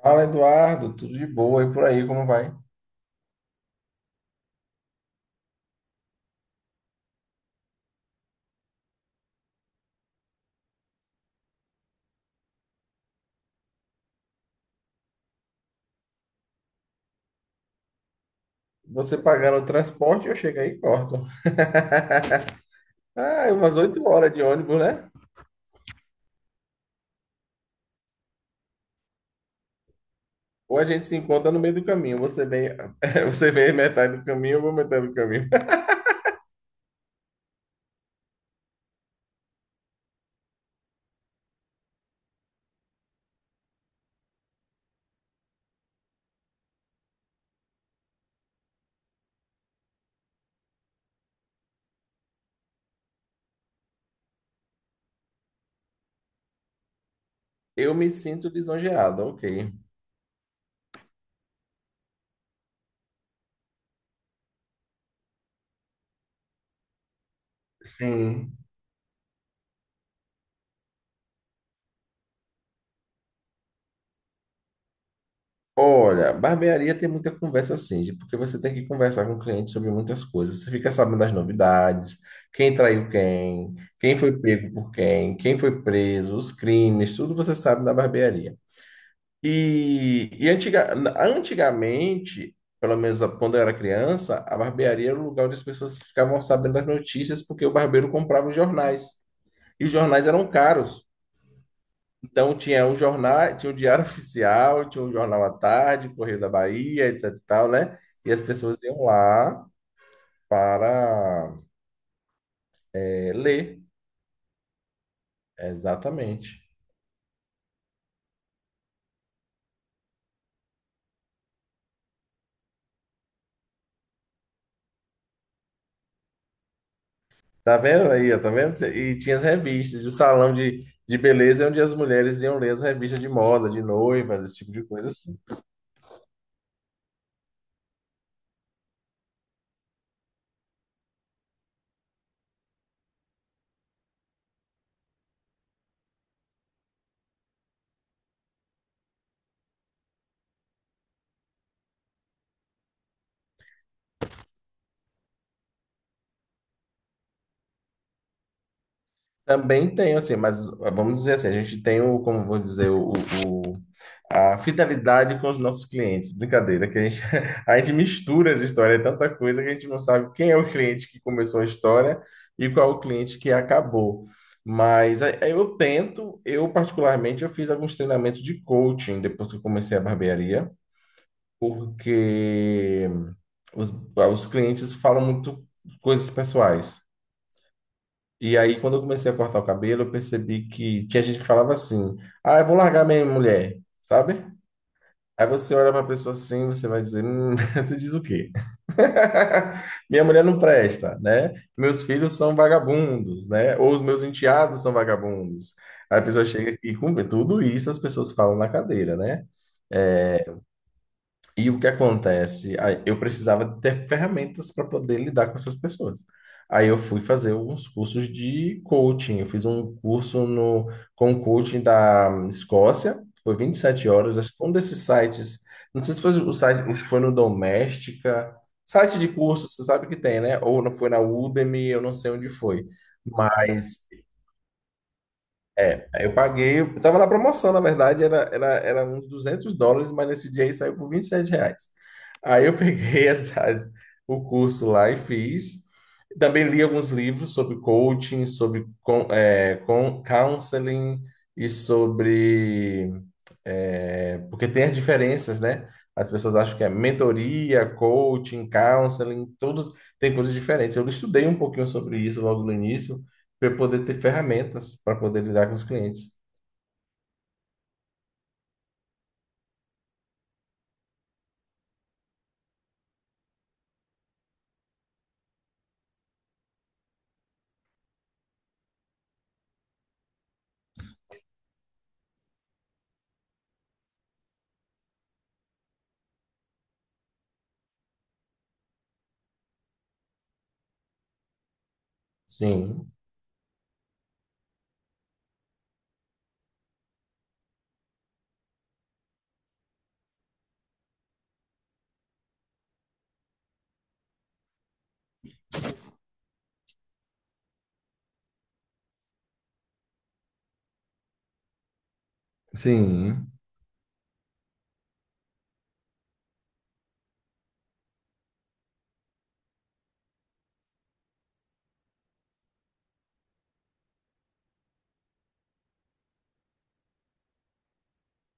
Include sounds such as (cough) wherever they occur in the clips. Fala, Eduardo, tudo de boa e por aí, como vai? Você pagando o transporte, eu chego aí e corto. (laughs) Ah, é umas 8 horas de ônibus, né? Ou a gente se encontra no meio do caminho. Você vem, (laughs) você vem metade do caminho, eu vou metade do caminho. (laughs) Eu me sinto lisonjeado, ok. Sim. Olha, barbearia tem muita conversa assim, porque você tem que conversar com o cliente sobre muitas coisas. Você fica sabendo das novidades, quem traiu quem, quem foi pego por quem, quem foi preso, os crimes, tudo você sabe da barbearia. E antigamente, pelo menos quando eu era criança, a barbearia era o lugar onde as pessoas ficavam sabendo das notícias, porque o barbeiro comprava os jornais. E os jornais eram caros. Então tinha um jornal, tinha o Diário (laughs) Oficial, tinha o Jornal à Tarde, Correio da Bahia, etc e tal, né? E as pessoas iam lá para ler. Exatamente. Tá vendo aí, ó, tá vendo? E tinha as revistas, o salão de beleza é onde as mulheres iam ler as revistas de moda, de noivas, esse tipo de coisa assim. Também tem, assim, mas vamos dizer assim, a gente tem o, como vou dizer, o- a fidelidade com os nossos clientes. Brincadeira, que a gente, (laughs) a gente mistura as histórias, é tanta coisa que a gente não sabe quem é o cliente que começou a história e qual é o cliente que acabou. Mas eu tento, eu particularmente, eu fiz alguns treinamentos de coaching depois que eu comecei a barbearia. Porque os, os clientes falam muito coisas pessoais. E aí, quando eu comecei a cortar o cabelo, eu percebi que tinha gente que falava assim: Ah, eu vou largar minha mulher, sabe? Aí você olha para a pessoa assim, você vai dizer: (laughs) você diz o quê? (laughs) Minha mulher não presta, né? Meus filhos são vagabundos, né? Ou os meus enteados são vagabundos. Aí a pessoa chega e com tudo isso as pessoas falam na cadeira, né? É, E o que acontece? Aí Eu precisava ter ferramentas para poder lidar com essas pessoas. Aí eu fui fazer alguns cursos de coaching. Eu fiz um curso no, com um coaching da Escócia, foi 27 horas. Acho que um desses sites, não sei se foi o site, acho que foi no Doméstica, site de curso, você sabe que tem, né? Ou não foi na Udemy, eu não sei onde foi. Mas aí eu paguei, eu tava na promoção, na verdade, era uns US$ 200, mas nesse dia aí saiu por R$ 27. Aí eu peguei (laughs) o curso lá e fiz. Também li alguns livros sobre coaching, sobre counseling e sobre. É, porque tem as diferenças, né? As pessoas acham que é mentoria, coaching, counseling, tudo tem coisas diferentes. Eu estudei um pouquinho sobre isso logo no início, para eu poder ter ferramentas para poder lidar com os clientes. Sim, sim,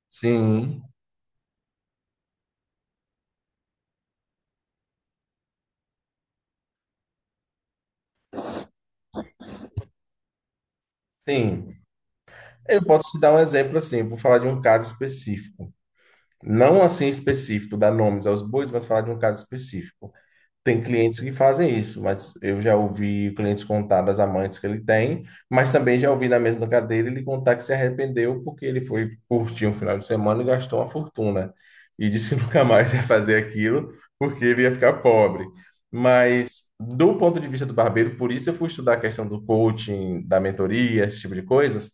sim, sim. Eu posso te dar um exemplo assim, eu vou falar de um caso específico. Não assim específico, dar nomes aos bois, mas falar de um caso específico. Tem clientes que fazem isso, mas eu já ouvi clientes contar das amantes que ele tem, mas também já ouvi na mesma cadeira ele contar que se arrependeu porque ele foi curtir um final de semana e gastou uma fortuna. E disse que (laughs) nunca mais ia fazer aquilo porque ele ia ficar pobre. Mas, do ponto de vista do barbeiro, por isso eu fui estudar a questão do coaching, da mentoria, esse tipo de coisas,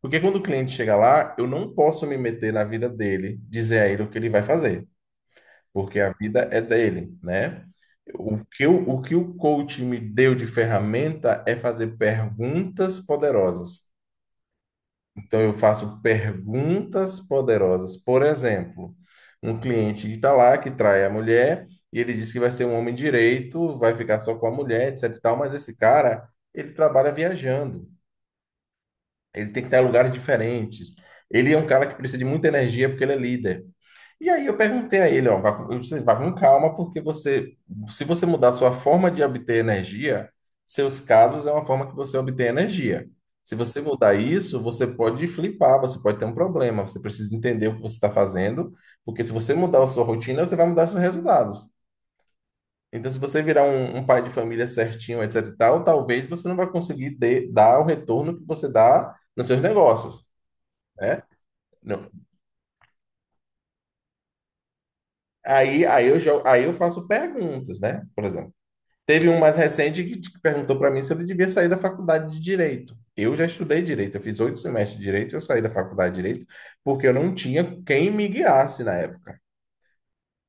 porque quando o cliente chega lá, eu não posso me meter na vida dele, dizer a ele o que ele vai fazer porque a vida é dele, né? O que o coach me deu de ferramenta é fazer perguntas poderosas. Então, eu faço perguntas poderosas. Por exemplo, um cliente que está lá, que trai a mulher, e ele diz que vai ser um homem direito, vai ficar só com a mulher, etc e tal, mas esse cara, ele trabalha viajando. Ele tem que estar em lugares diferentes. Ele é um cara que precisa de muita energia porque ele é líder. E aí eu perguntei a ele, ó, vá, eu disse, vá com calma, porque você, se você mudar sua forma de obter energia, seus casos é uma forma que você obtém energia. Se você mudar isso, você pode flipar, você pode ter um problema, você precisa entender o que você está fazendo, porque se você mudar a sua rotina, você vai mudar seus resultados. Então, se você virar um, um pai de família certinho, etc e tal, talvez você não vai conseguir dar o retorno que você dá nos seus negócios, né? Não. Aí eu faço perguntas, né? Por exemplo, teve um mais recente que perguntou para mim se ele devia sair da faculdade de Direito. Eu já estudei Direito, eu fiz 8 semestres de Direito, eu saí da faculdade de Direito porque eu não tinha quem me guiasse na época.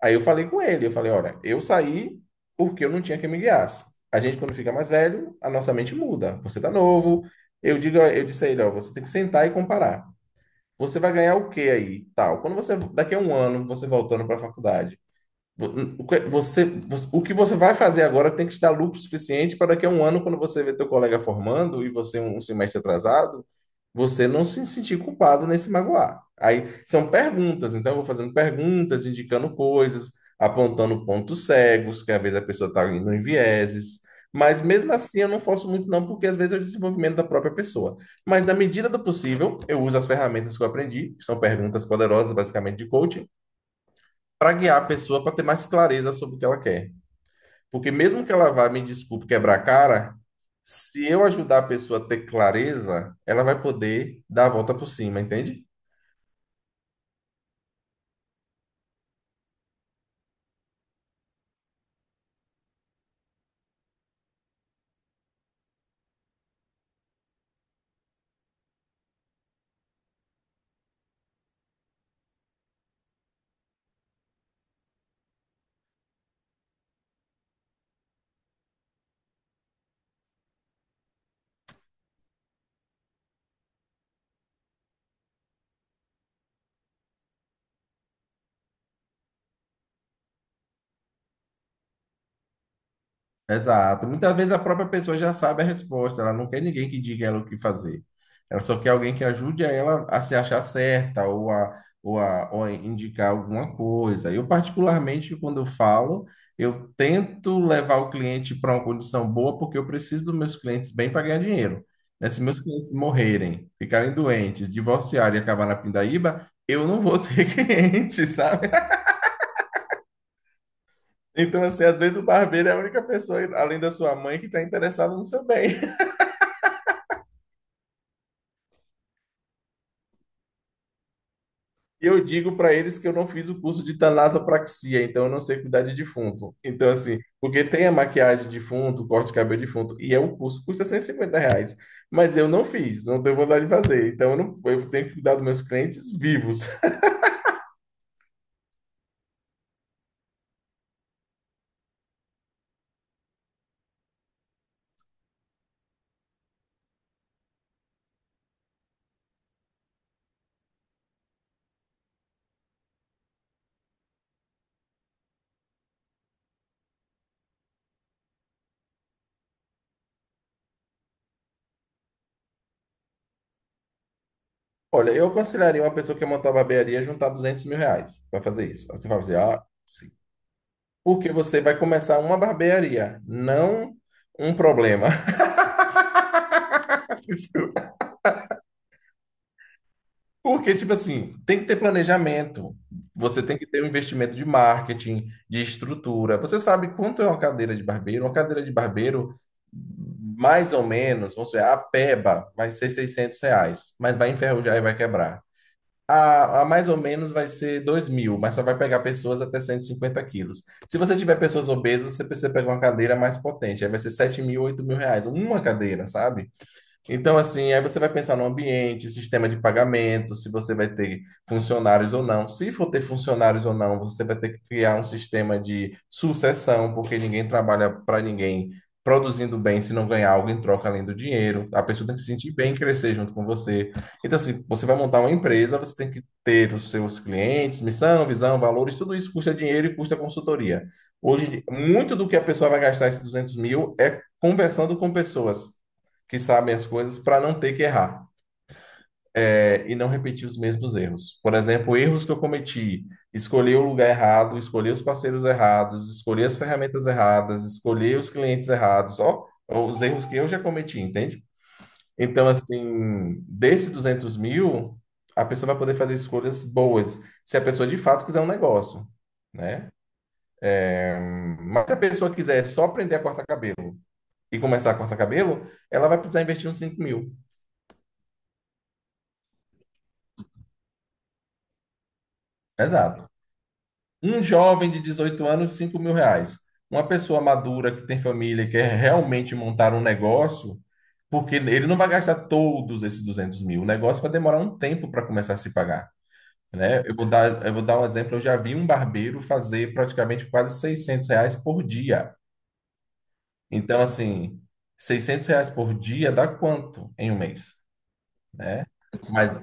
Aí eu falei com ele, eu falei, olha, eu saí porque eu não tinha quem me guiasse. A gente, quando fica mais velho, a nossa mente muda. Você tá novo. Eu digo, eu disse a ele, ó, você tem que sentar e comparar. Você vai ganhar o quê aí? Tal. Quando você, daqui a um ano, você voltando para a faculdade, o que você, o que você vai fazer agora tem que te dar lucro suficiente para daqui a um ano, quando você vê teu colega formando e você um semestre atrasado, você não se sentir culpado nem se magoar. Aí são perguntas, então eu vou fazendo perguntas, indicando coisas, apontando pontos cegos, que às vezes a pessoa está indo em vieses. Mas mesmo assim eu não forço muito não, porque às vezes é o desenvolvimento da própria pessoa. Mas na medida do possível, eu uso as ferramentas que eu aprendi, que são perguntas poderosas basicamente de coaching, para guiar a pessoa para ter mais clareza sobre o que ela quer. Porque mesmo que ela vá, me desculpe, quebrar a cara, se eu ajudar a pessoa a ter clareza, ela vai poder dar a volta por cima, entende? Exato. Muitas vezes a própria pessoa já sabe a resposta, ela não quer ninguém que diga ela o que fazer. Ela só quer alguém que ajude ela a se achar certa ou a, ou a indicar alguma coisa. Eu, particularmente, quando eu falo, eu tento levar o cliente para uma condição boa porque eu preciso dos meus clientes bem para ganhar dinheiro. Né? Se meus clientes morrerem, ficarem doentes, divorciarem e acabar na pindaíba, eu não vou ter (laughs) cliente, sabe? Então, assim, às vezes o barbeiro é a única pessoa, além da sua mãe, que está interessada no seu bem. E eu digo para eles que eu não fiz o curso de tanatopraxia, então eu não sei cuidar de defunto. Então, assim, porque tem a maquiagem de defunto, o corte de cabelo de defunto, e é um curso, custa R$ 150. Mas eu não fiz, não tenho vontade de fazer. Então, eu, não, eu tenho que cuidar dos meus clientes vivos. (laughs) Olha, eu aconselharia uma pessoa que quer montar barbearia a juntar R$ 200 mil para fazer isso. Aí você vai fazer, ah, sim. Porque você vai começar uma barbearia, não um problema. (laughs) Isso porque, tipo assim, tem que ter planejamento, você tem que ter um investimento de marketing, de estrutura. Você sabe quanto é uma cadeira de barbeiro? Uma cadeira de barbeiro, mais ou menos, vamos dizer, a peba vai ser R$ 600, mas vai enferrujar e vai quebrar. A mais ou menos vai ser 2.000, mas só vai pegar pessoas até 150 quilos. Se você tiver pessoas obesas, você precisa pegar uma cadeira mais potente, aí vai ser 7.000, R$ 8.000, uma cadeira, sabe? Então, assim, aí você vai pensar no ambiente, sistema de pagamento, se você vai ter funcionários ou não. Se for ter funcionários ou não, você vai ter que criar um sistema de sucessão, porque ninguém trabalha para ninguém produzindo bem se não ganhar algo em troca além do dinheiro. A pessoa tem que se sentir bem e crescer junto com você. Então, assim, você vai montar uma empresa, você tem que ter os seus clientes, missão, visão, valores, tudo isso custa dinheiro e custa consultoria. Hoje, muito do que a pessoa vai gastar esses 200 mil é conversando com pessoas que sabem as coisas para não ter que errar é, e não repetir os mesmos erros. Por exemplo, erros que eu cometi, escolher o lugar errado, escolher os parceiros errados, escolher as ferramentas erradas, escolher os clientes errados, ó, os erros que eu já cometi, entende? Então, assim, desses 200 mil, a pessoa vai poder fazer escolhas boas, se a pessoa de fato quiser um negócio, né? Mas se a pessoa quiser só aprender a cortar cabelo e começar a cortar cabelo, ela vai precisar investir uns 5 mil. Exato. Um jovem de 18 anos, 5 mil reais. Uma pessoa madura que tem família e quer realmente montar um negócio, porque ele não vai gastar todos esses 200 mil. O negócio vai demorar um tempo para começar a se pagar, né? Eu vou dar um exemplo. Eu já vi um barbeiro fazer praticamente quase seiscentos reais por dia. Então, assim, 600 reais por dia dá quanto em um mês, né? Mas,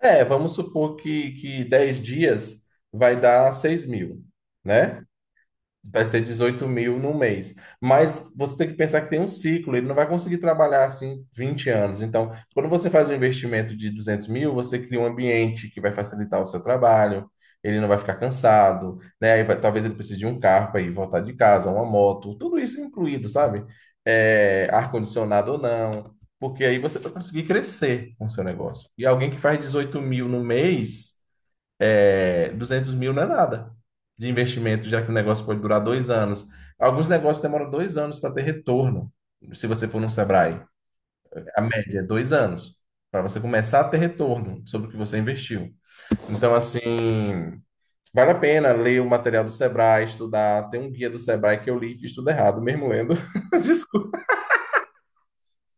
vamos supor que 10 dias vai dar 6 mil, né? Vai ser 18 mil no mês. Mas você tem que pensar que tem um ciclo, ele não vai conseguir trabalhar assim 20 anos. Então, quando você faz um investimento de 200 mil, você cria um ambiente que vai facilitar o seu trabalho, ele não vai ficar cansado, né? Talvez ele precise de um carro para ir voltar de casa, uma moto, tudo isso incluído, sabe? É, ar-condicionado ou não, porque aí você vai conseguir crescer com o seu negócio. E alguém que faz 18 mil no mês 200 mil não é nada de investimento, já que o negócio pode durar dois anos. Alguns negócios demoram dois anos para ter retorno, se você for num Sebrae. A média é dois anos, para você começar a ter retorno sobre o que você investiu. Então, assim, vale a pena ler o material do Sebrae, estudar. Tem um guia do Sebrae que eu li e estudo errado, mesmo lendo. (laughs) Desculpa,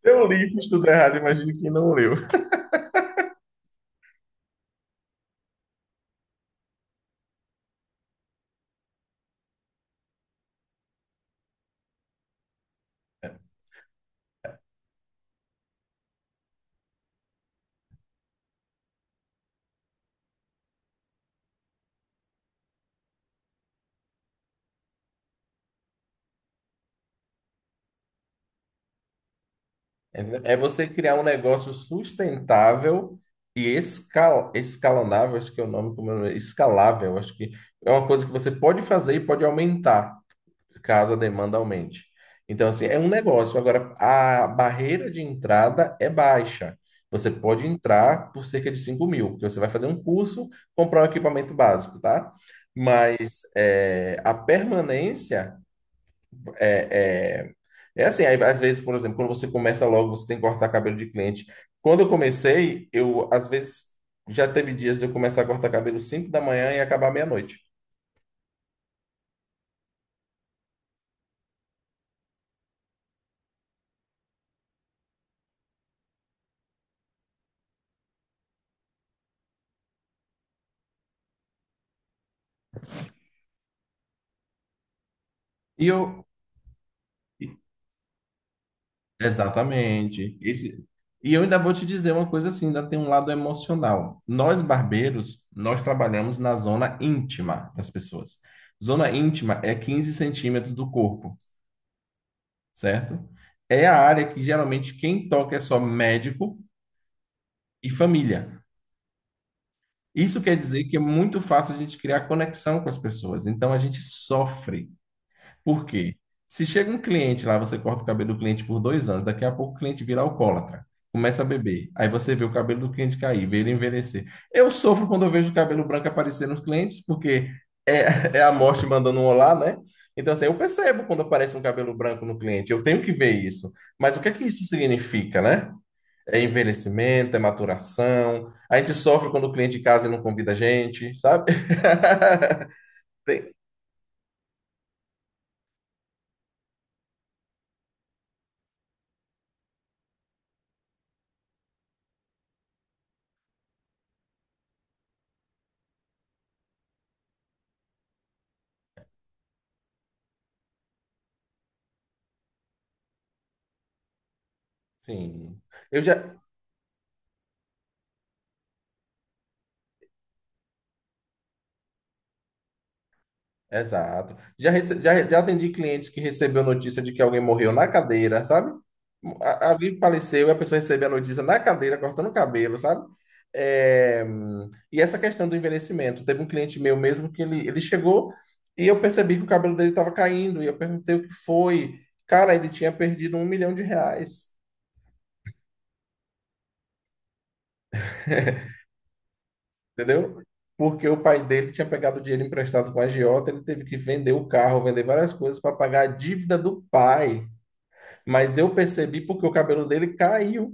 eu li e estudo errado, imagine quem não leu. É você criar um negócio sustentável e escalonável, acho que é o nome, como é o nome? Escalável, acho que é uma coisa que você pode fazer e pode aumentar, caso a demanda aumente. Então, assim, é um negócio. Agora, a barreira de entrada é baixa. Você pode entrar por cerca de 5 mil, porque você vai fazer um curso, comprar um equipamento básico, tá? Mas é, a permanência é, é, é assim, aí, às vezes, por exemplo, quando você começa logo, você tem que cortar cabelo de cliente. Quando eu comecei, eu, às vezes, já teve dias de eu começar a cortar cabelo 5 da manhã e acabar meia-noite. E eu. Exatamente. E eu ainda vou te dizer uma coisa assim, ainda tem um lado emocional. Nós barbeiros, nós trabalhamos na zona íntima das pessoas. Zona íntima é 15 centímetros do corpo, certo? É a área que geralmente quem toca é só médico e família. Isso quer dizer que é muito fácil a gente criar conexão com as pessoas. Então a gente sofre. Por quê? Se chega um cliente lá, você corta o cabelo do cliente por dois anos, daqui a pouco o cliente vira alcoólatra, começa a beber. Aí você vê o cabelo do cliente cair, vê ele envelhecer. Eu sofro quando eu vejo o cabelo branco aparecer nos clientes, porque é, (laughs) é a morte mandando um olá, né? Então, assim, eu percebo quando aparece um cabelo branco no cliente, eu tenho que ver isso. Mas o que é que isso significa, né? É envelhecimento, é maturação. A gente sofre quando o cliente casa e não convida a gente, sabe? (laughs) Tem- Sim. Eu já. Exato. Já atendi clientes que recebeu notícia de que alguém morreu na cadeira, sabe? Alguém faleceu e a pessoa recebeu a notícia na cadeira, cortando o cabelo, sabe? E essa questão do envelhecimento. Teve um cliente meu mesmo que ele chegou e eu percebi que o cabelo dele estava caindo. E eu perguntei o que foi. Cara, ele tinha perdido 1 milhão de reais. Entendeu? Porque o pai dele tinha pegado dinheiro emprestado com a agiota, ele teve que vender o carro, vender várias coisas para pagar a dívida do pai. Mas eu percebi porque o cabelo dele caiu.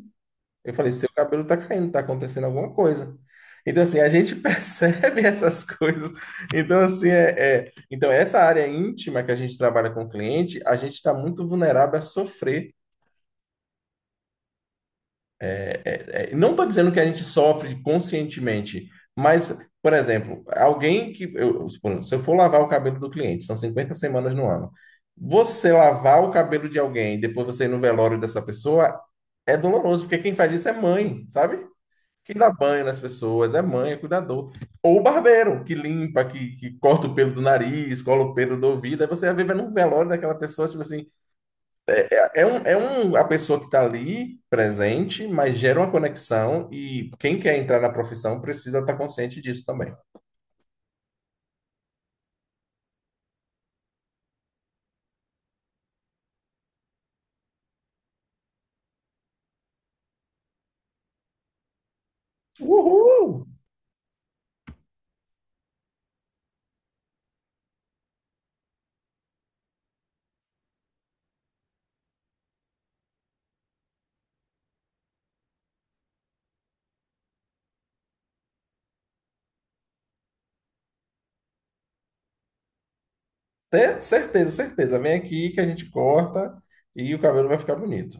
Eu falei, seu cabelo tá caindo, tá acontecendo alguma coisa. Então, assim, a gente (laughs) percebe essas coisas. Então, assim, então, essa área íntima que a gente trabalha com o cliente, a gente está muito vulnerável a sofrer não estou dizendo que a gente sofre conscientemente, mas, por exemplo, alguém que. Eu, se eu for lavar o cabelo do cliente, são 50 semanas no ano. Você lavar o cabelo de alguém, e depois você ir no velório dessa pessoa, é doloroso, porque quem faz isso é mãe, sabe? Quem dá banho nas pessoas é mãe, é cuidador. Ou o barbeiro, que limpa, que corta o pelo do nariz, cola o pelo do ouvido. Aí você vai ver num velório daquela pessoa, tipo assim, a pessoa que está ali presente, mas gera uma conexão e quem quer entrar na profissão precisa estar consciente disso também. Uhul! Ter certeza, certeza. Vem aqui que a gente corta e o cabelo vai ficar bonito.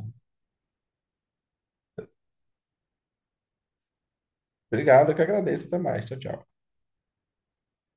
Obrigado, eu que agradeço. Até mais. Tchau, tchau.